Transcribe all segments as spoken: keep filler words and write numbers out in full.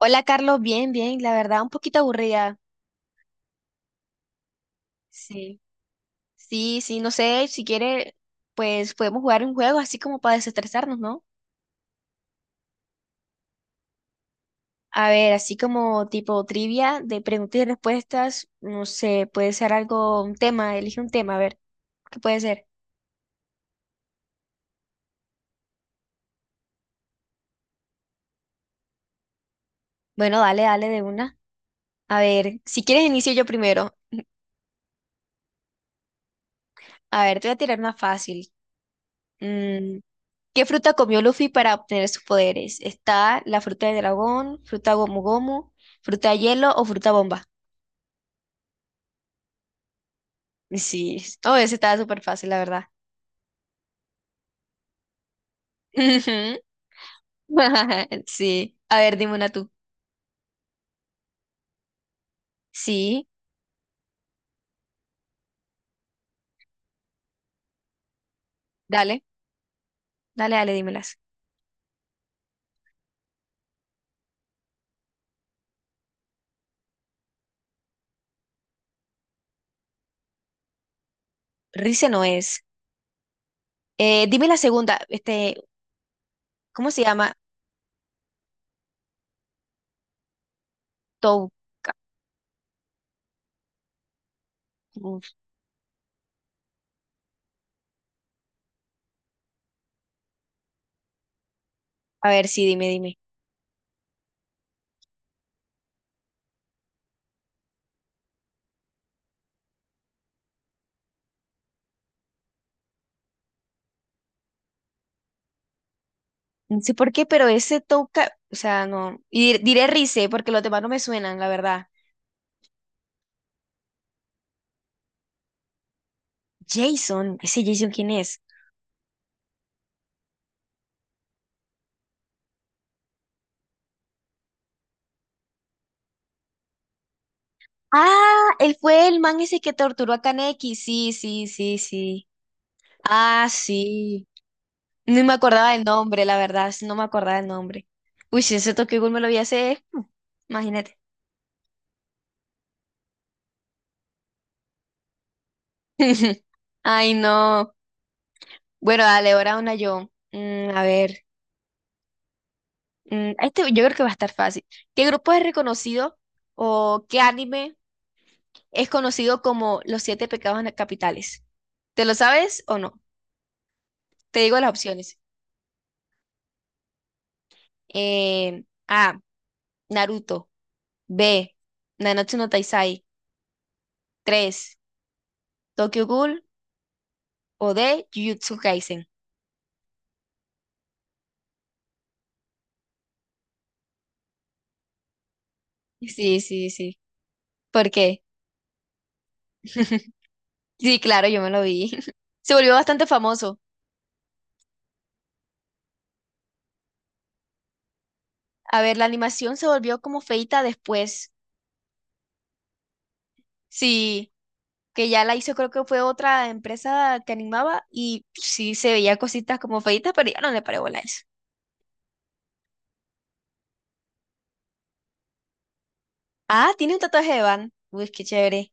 Hola Carlos, bien, bien, la verdad un poquito aburrida. Sí, sí, sí, no sé, si quiere, pues podemos jugar un juego así como para desestresarnos, ¿no? A ver, así como tipo trivia de preguntas y respuestas, no sé, puede ser algo, un tema, elige un tema, a ver, ¿qué puede ser? Bueno, dale, dale de una. A ver, si quieres inicio yo primero. A ver, te voy a tirar una fácil. Mm, ¿Qué fruta comió Luffy para obtener sus poderes? ¿Está la fruta de dragón, fruta gomu gomu, fruta hielo o fruta bomba? Sí, oh, ese estaba súper fácil, la verdad. Ujú. Sí. A ver, dime una tú. Sí, dale, dale, dale, dímelas. Rice no es. Eh, dime la segunda, este, ¿cómo se llama? Touca. Uf, a ver, sí, dime, dime. No sé por qué, pero ese Touca, o sea, no. Y dir- diré Rice porque los demás no me suenan, la verdad. Jason, ese Jason, ¿quién es? Ah, él fue el man ese que torturó a Kaneki. Sí, sí, sí, sí. Ah, sí, no me acordaba del nombre, la verdad, sí, no me acordaba del nombre. Uy, si ese Tokyo Ghoul me lo vi hace, mm, imagínate. Ay, no. Bueno, dale, ahora una yo. Mm, a ver, mm, este yo creo que va a estar fácil. ¿Qué grupo es reconocido o qué anime es conocido como Los Siete Pecados na- Capitales? ¿Te lo sabes o no? Te digo las opciones. Eh, A, Naruto. B, Nanatsu no Taizai. Tres, Tokyo Ghoul. O D, Jujutsu Kaisen. Sí, sí, sí. ¿Por qué? Sí, claro, yo me lo vi. Se volvió bastante famoso. A ver, la animación se volvió como feita después. Sí, que ya la hizo, creo que fue otra empresa que animaba y sí se veía cositas como feitas, pero ya no le paré bola a eso. Ah, tiene un tatuaje de Van. Uf, qué chévere.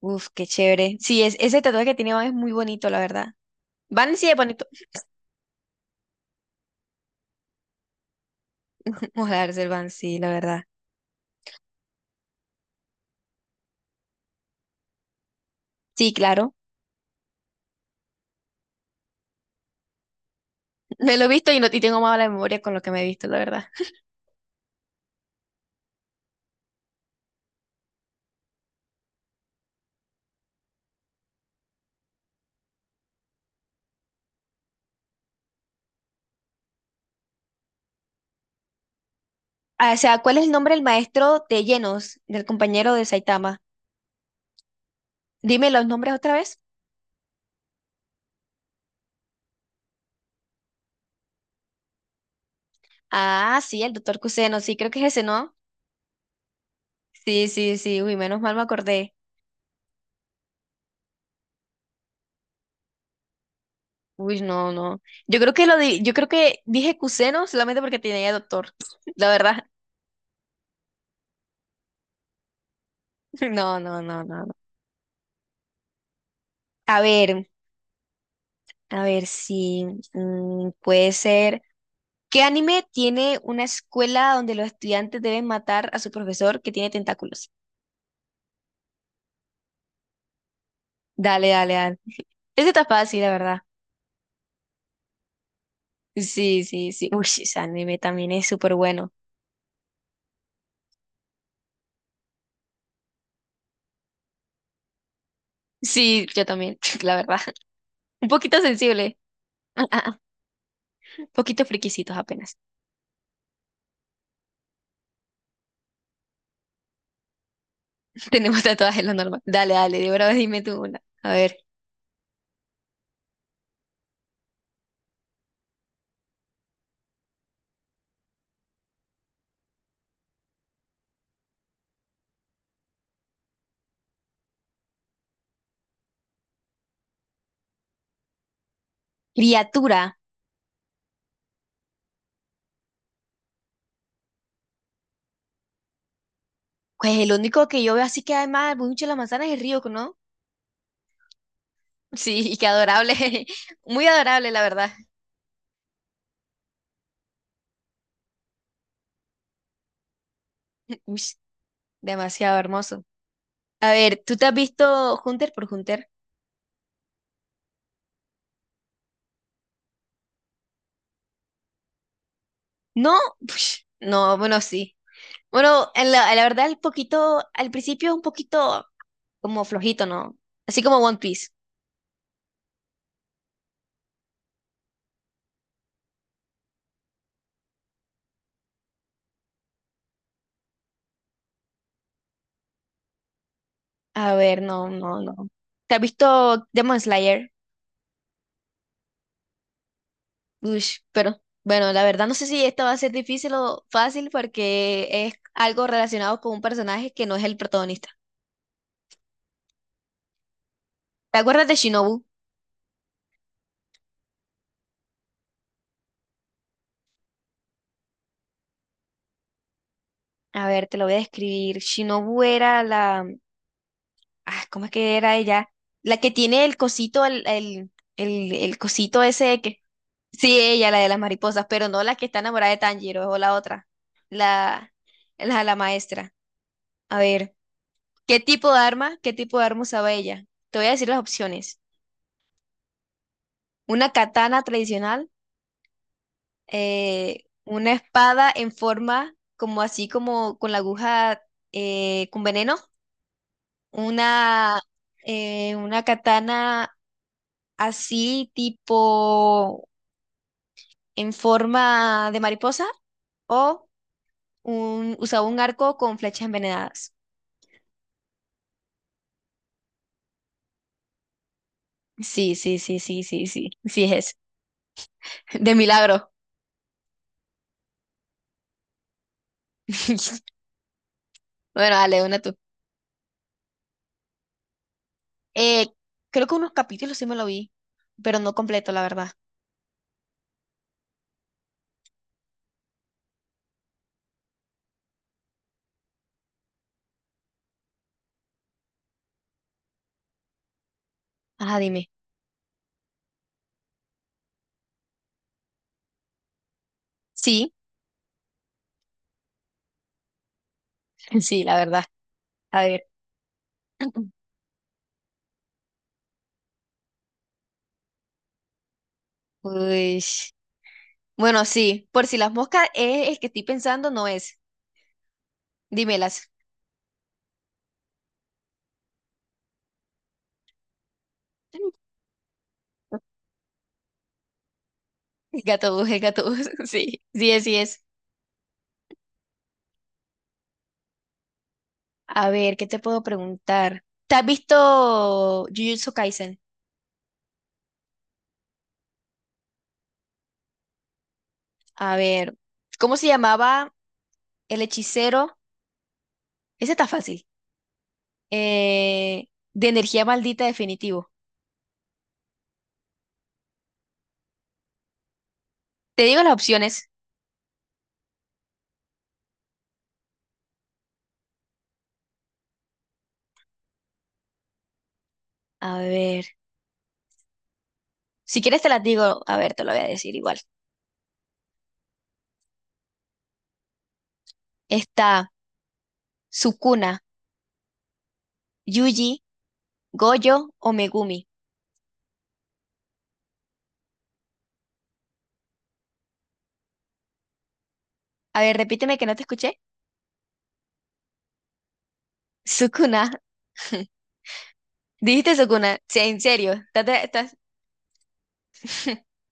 Uf, qué chévere. Sí, es, ese tatuaje que tiene Van es muy bonito, la verdad. Van sí es bonito. Ojalá el Van, sí, la verdad. Sí, claro. Me lo he visto y, no, y tengo mala memoria con lo que me he visto, la verdad. Ah, o sea, ¿cuál es el nombre del maestro de llenos, del compañero de Saitama? Dime los nombres otra vez. Ah, sí, el doctor Kuseno, sí, creo que es ese, ¿no? Sí, sí, sí, uy, menos mal me acordé. Uy, no, no. Yo creo que lo di- yo creo que dije Kuseno solamente porque tenía doctor. La verdad. No, no, no, no, no. A ver, a ver si mm, puede ser. ¿Qué anime tiene una escuela donde los estudiantes deben matar a su profesor que tiene tentáculos? Dale, dale, dale. Ese está fácil, la verdad. Sí, sí, sí. Uy, sí, ese anime también es súper bueno. Sí, yo también, la verdad. Un poquito sensible. Un poquito friquisitos apenas. Tenemos tatuajes lo normal. Dale, dale, de verdad dime tú una. A ver. Criatura. Pues el único que yo veo así que además mucho la manzana es el río, ¿no? Sí, y qué adorable. Muy adorable, la verdad. Uy, demasiado hermoso. A ver, ¿tú te has visto Hunter por Hunter? No, no, bueno, sí. Bueno, en la, la verdad, el poquito, al principio es un poquito como flojito, ¿no? Así como One Piece. A ver, no, no, no. ¿Te has visto Demon Slayer? Ush, pero bueno, la verdad no sé si esto va a ser difícil o fácil porque es algo relacionado con un personaje que no es el protagonista. ¿Te acuerdas de Shinobu? A ver, te lo voy a describir. Shinobu era la, Ah, ¿cómo es que era ella? La que tiene el cosito, el, el, el, el cosito ese que... Sí, ella, la de las mariposas, pero no la que está enamorada de Tanjiro, o la otra. La, la, la maestra. A ver, ¿qué tipo de arma, ¿qué tipo de arma usaba ella? Te voy a decir las opciones. Una katana tradicional, eh, una espada en forma como así como con la aguja eh, con veneno, una, eh, una katana así tipo en forma de mariposa o un, usaba un arco con flechas envenenadas. Sí, sí, sí, sí, sí, sí, sí es ese. De milagro. Bueno, dale, una tú. Eh, creo que unos capítulos sí me lo vi, pero no completo, la verdad. Ajá, dime. Sí, sí, la verdad. A ver. Uy. Bueno, sí, por si las moscas es el que estoy pensando, no es. Dímelas. Gato bus, el gato bus. Sí, sí es, sí es. A ver, ¿qué te puedo preguntar? ¿Te has visto Jujutsu Kaisen? A ver, ¿cómo se llamaba el hechicero? Ese está fácil. Eh, de energía maldita definitivo. Te digo las opciones. A ver, si quieres te las digo. A ver, te lo voy a decir igual. Está Sukuna, Yuji, Goyo o Megumi. A ver, repíteme que no te escuché. Sukuna. Dijiste Sukuna. Sí, en serio. Estás- estás-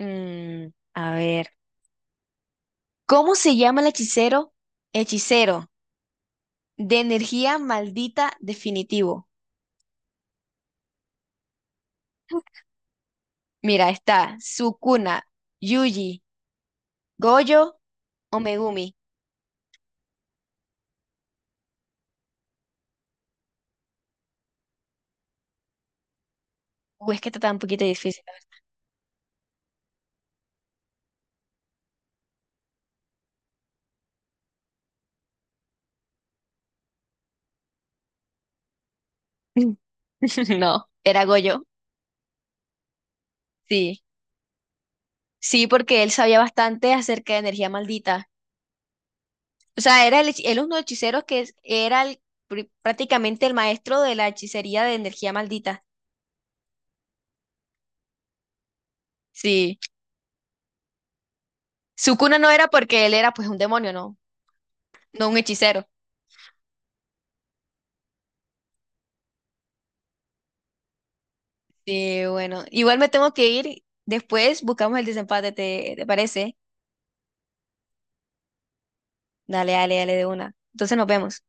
Mm, a ver. ¿Cómo se llama el hechicero? Hechicero de energía maldita definitivo. Mira, está Sukuna, Yuji, Goyo o Megumi. Uy, es que está tan un poquito difícil. No, era Goyo. Sí, sí, porque él sabía bastante acerca de energía maldita. O sea, era el, hech- él uno de los hechiceros que es- era el pr- prácticamente el maestro de la hechicería de energía maldita. Sí. Sukuna no era porque él era pues un demonio, ¿no? No un hechicero. Sí, bueno, igual me tengo que ir. Después buscamos el desempate, ¿te, ¿te parece? Dale, dale, dale de una. Entonces nos vemos.